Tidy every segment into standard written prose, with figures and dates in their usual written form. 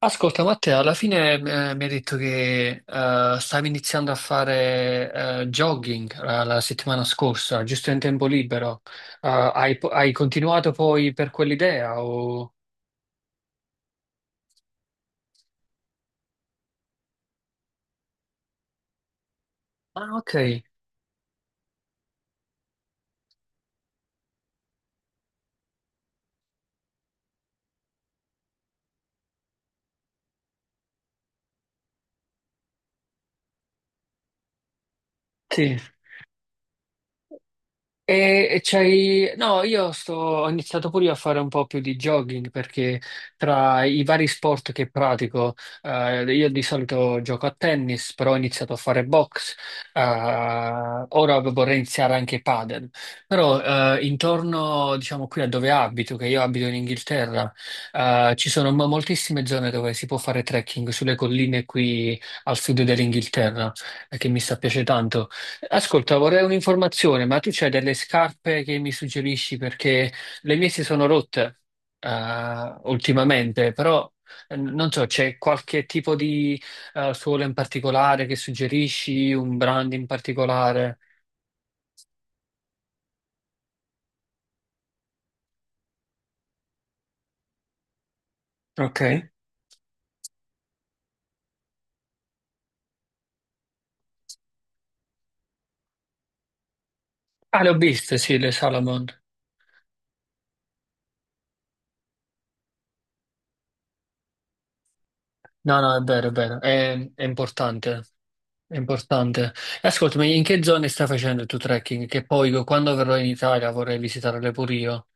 Ascolta, Matteo, alla fine mi ha detto che stavi iniziando a fare jogging la settimana scorsa, giusto in tempo libero. Hai continuato poi per quell'idea? O... Ah, ok, sì. No, ho iniziato pure io a fare un po' più di jogging perché tra i vari sport che pratico, io di solito gioco a tennis, però ho iniziato a fare box, eh, ora vorrei iniziare anche padel, però intorno, diciamo, qui a dove abito, che io abito in Inghilterra, ci sono moltissime zone dove si può fare trekking sulle colline qui al sud dell'Inghilterra, che mi sta piace tanto. Ascolta, vorrei un'informazione, ma tu c'hai delle scarpe che mi suggerisci? Perché le mie si sono rotte ultimamente, però non so, c'è qualche tipo di suola in particolare che suggerisci, un brand in particolare? Ok. Ah, le ho viste, sì, le Salomon. No, no, è vero, è vero, è importante, è importante. E ascoltami, in che zone stai facendo il tuo trekking? Che poi quando verrò in Italia vorrei visitarle pure io.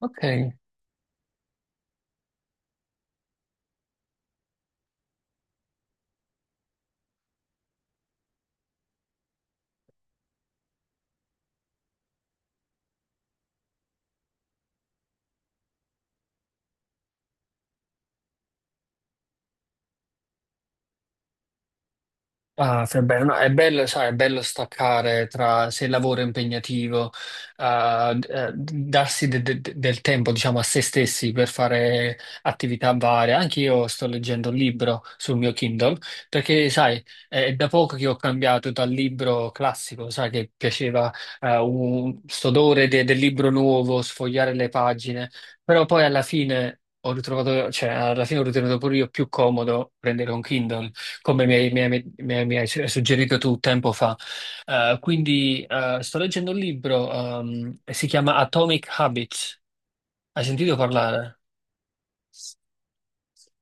Ok. Ah, che bello. No, è bello, sai, è bello staccare tra se il lavoro è impegnativo, darsi del tempo, diciamo, a se stessi per fare attività varie. Anche io sto leggendo un libro sul mio Kindle, perché, sai, è da poco che ho cambiato dal libro classico, sai, che piaceva, un, st'odore del libro nuovo, sfogliare le pagine, però poi alla fine ho ritrovato, cioè, alla fine ho ritenuto pure io più comodo prendere un Kindle come mi hai suggerito tu tempo fa. Quindi sto leggendo un libro, si chiama Atomic Habits. Hai sentito parlare?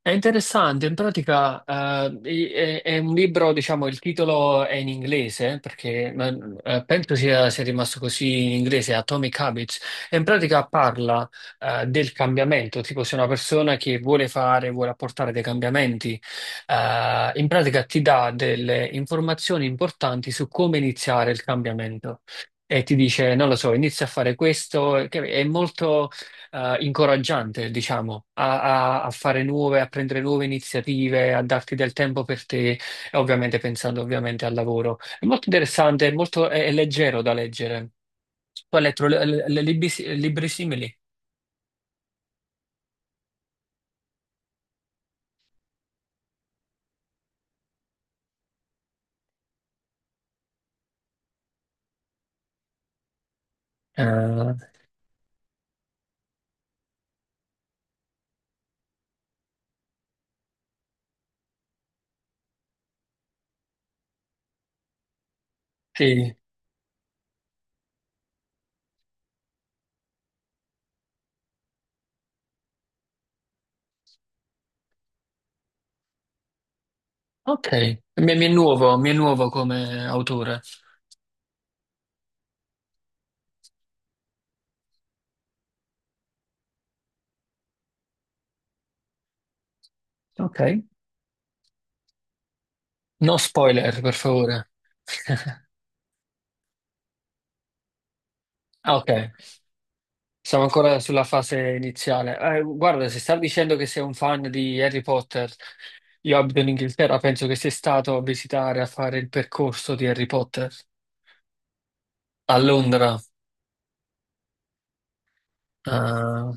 È interessante, in pratica è un libro, diciamo, il titolo è in inglese, perché ma, penso sia rimasto così in inglese, Atomic Habits, e in pratica parla del cambiamento, tipo se una persona che vuole fare, vuole apportare dei cambiamenti, in pratica ti dà delle informazioni importanti su come iniziare il cambiamento. E ti dice, non lo so, inizia a fare questo, che è molto incoraggiante, diciamo, a fare nuove, a prendere nuove iniziative, a darti del tempo per te, e ovviamente pensando ovviamente al lavoro. È molto interessante, è molto, è leggero da leggere. Tu hai letto le libri, libri simili? Eh, sì, ok. Mi è nuovo, mi è nuovo come autore. Ok. No spoiler, per favore. Ah, ok. Siamo ancora sulla fase iniziale. Guarda, se stai dicendo che sei un fan di Harry Potter, io abito in Inghilterra, penso che sei stato a visitare, a fare il percorso di Harry Potter a Londra. Eh,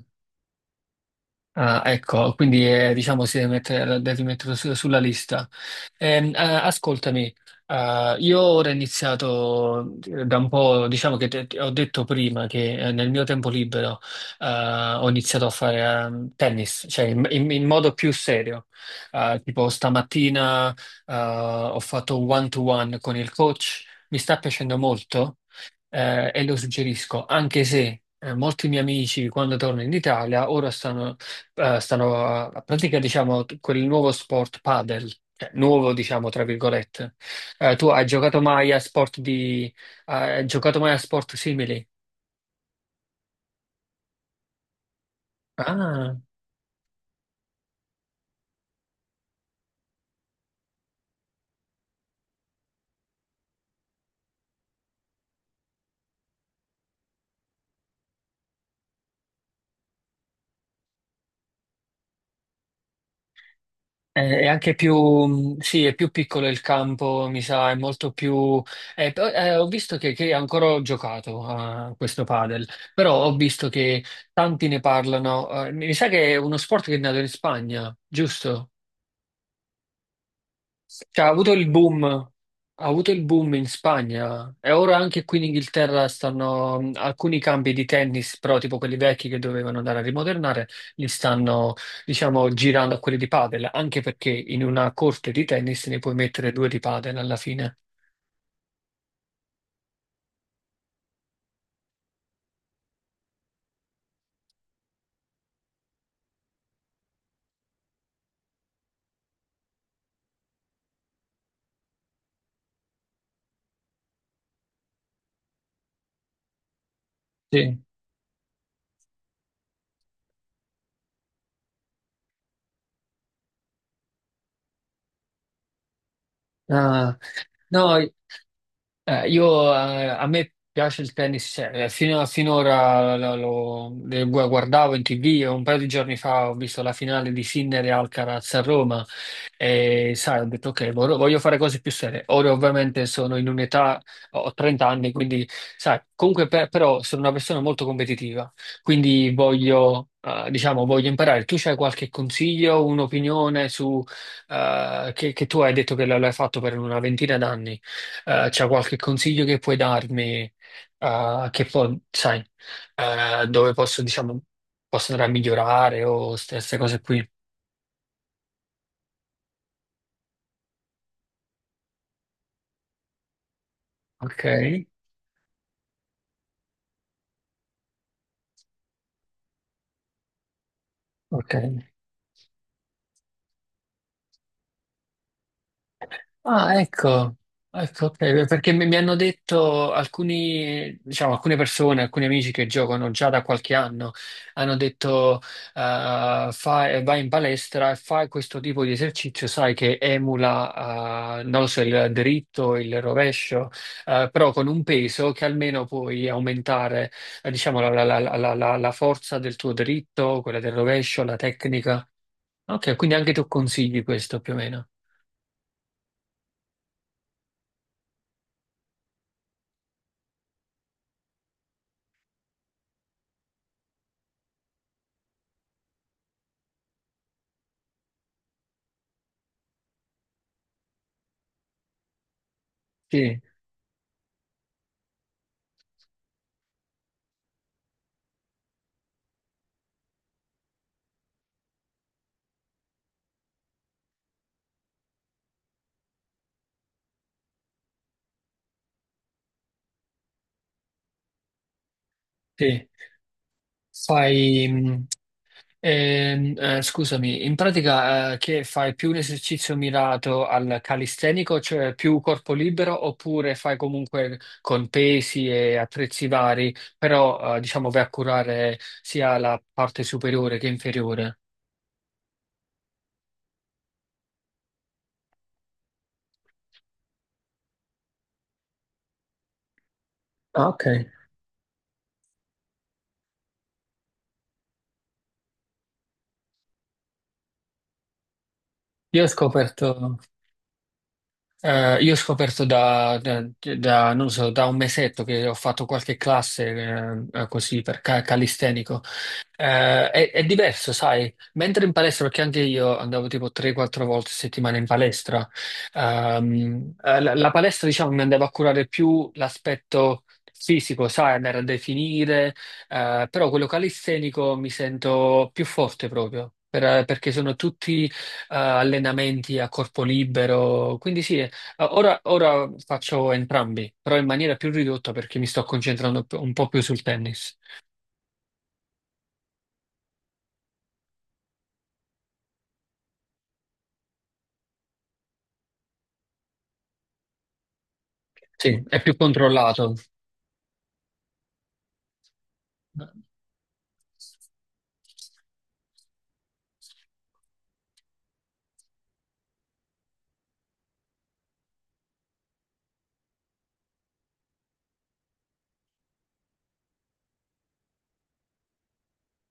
Ah, ecco, quindi diciamo si deve mettere, la devi mettere sulla lista. Ascoltami, io ora ho iniziato da un po', diciamo che ho detto prima che nel mio tempo libero ho iniziato a fare tennis, cioè in, in modo più serio. Tipo stamattina ho fatto un one-to-one con il coach, mi sta piacendo molto e lo suggerisco, anche se molti miei amici quando torno in Italia ora stanno a pratica, diciamo, quel nuovo sport padel, cioè, nuovo, diciamo, tra virgolette. Tu hai giocato mai a sport di, hai giocato mai a sport simili? Ah, è anche più, sì, è più piccolo il campo, mi sa, è molto più, però, ho visto che, ancora ho giocato a questo padel, però ho visto che tanti ne parlano, mi sa che è uno sport che è nato in Spagna, giusto? Cioè, ha avuto il boom, ha avuto il boom in Spagna e ora anche qui in Inghilterra stanno alcuni campi di tennis, però tipo quelli vecchi che dovevano andare a rimodernare, li stanno, diciamo, girando a quelli di padel, anche perché in una corte di tennis ne puoi mettere due di padel alla fine. Sì. Ah, no, a me piace il tennis, cioè, finora guardavo in TV e un paio di giorni fa ho visto la finale di Sinner e Alcaraz a Roma e sai, ho detto ok, voglio fare cose più serie. Ora ovviamente sono in un'età, ho 30 anni, quindi sai, comunque però sono una persona molto competitiva, quindi voglio, diciamo, voglio imparare. Tu c'hai qualche consiglio, un'opinione su, che tu hai detto che l'hai fatto per una ventina d'anni? C'è qualche consiglio che puoi darmi, che poi, sai, dove posso, diciamo, posso andare a migliorare o queste cose qui. Ok, ok. Ah, ecco, ecco, ok, perché mi hanno detto alcuni, diciamo, alcune persone, alcuni amici che giocano già da qualche anno, hanno detto, vai in palestra e fai questo tipo di esercizio, sai, che emula, non lo so, il dritto, il rovescio, però con un peso che almeno puoi aumentare, diciamo, la forza del tuo dritto, quella del rovescio, la tecnica. Ok, quindi anche tu consigli questo più o meno. Sì, sì. Fai, mh, scusami, in pratica, che fai più un esercizio mirato al calistenico, cioè più corpo libero, oppure fai comunque con pesi e attrezzi vari, però, diciamo, vai a curare sia la parte superiore che inferiore? Ah, ok. Io ho scoperto. Eh, io ho scoperto da, non so, da un mesetto che ho fatto qualche classe così per calistenico. È diverso, sai, mentre in palestra, perché anche io andavo tipo 3-4 volte a settimana in palestra, la palestra diciamo mi andava a curare più l'aspetto fisico, sai, andare a definire, però quello calistenico mi sento più forte proprio. Perché sono tutti allenamenti a corpo libero, quindi sì. Ah, ora faccio entrambi, però in maniera più ridotta perché mi sto concentrando un po' più sul tennis. Sì, è più controllato.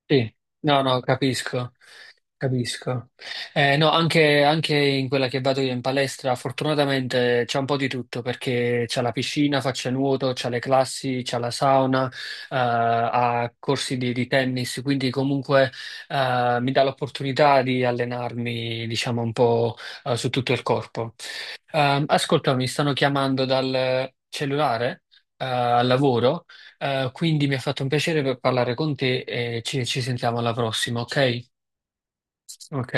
Sì, no, no, capisco. Capisco. No, anche in quella che vado io in palestra, fortunatamente c'è un po' di tutto perché c'è la piscina, faccia nuoto, c'è le classi, c'è la sauna, ha corsi di, tennis, quindi comunque mi dà l'opportunità di allenarmi, diciamo, un po' su tutto il corpo. Ascolta, mi stanno chiamando dal cellulare, al lavoro, quindi mi ha fatto un piacere per parlare con te e ci sentiamo alla prossima, ok? Ok.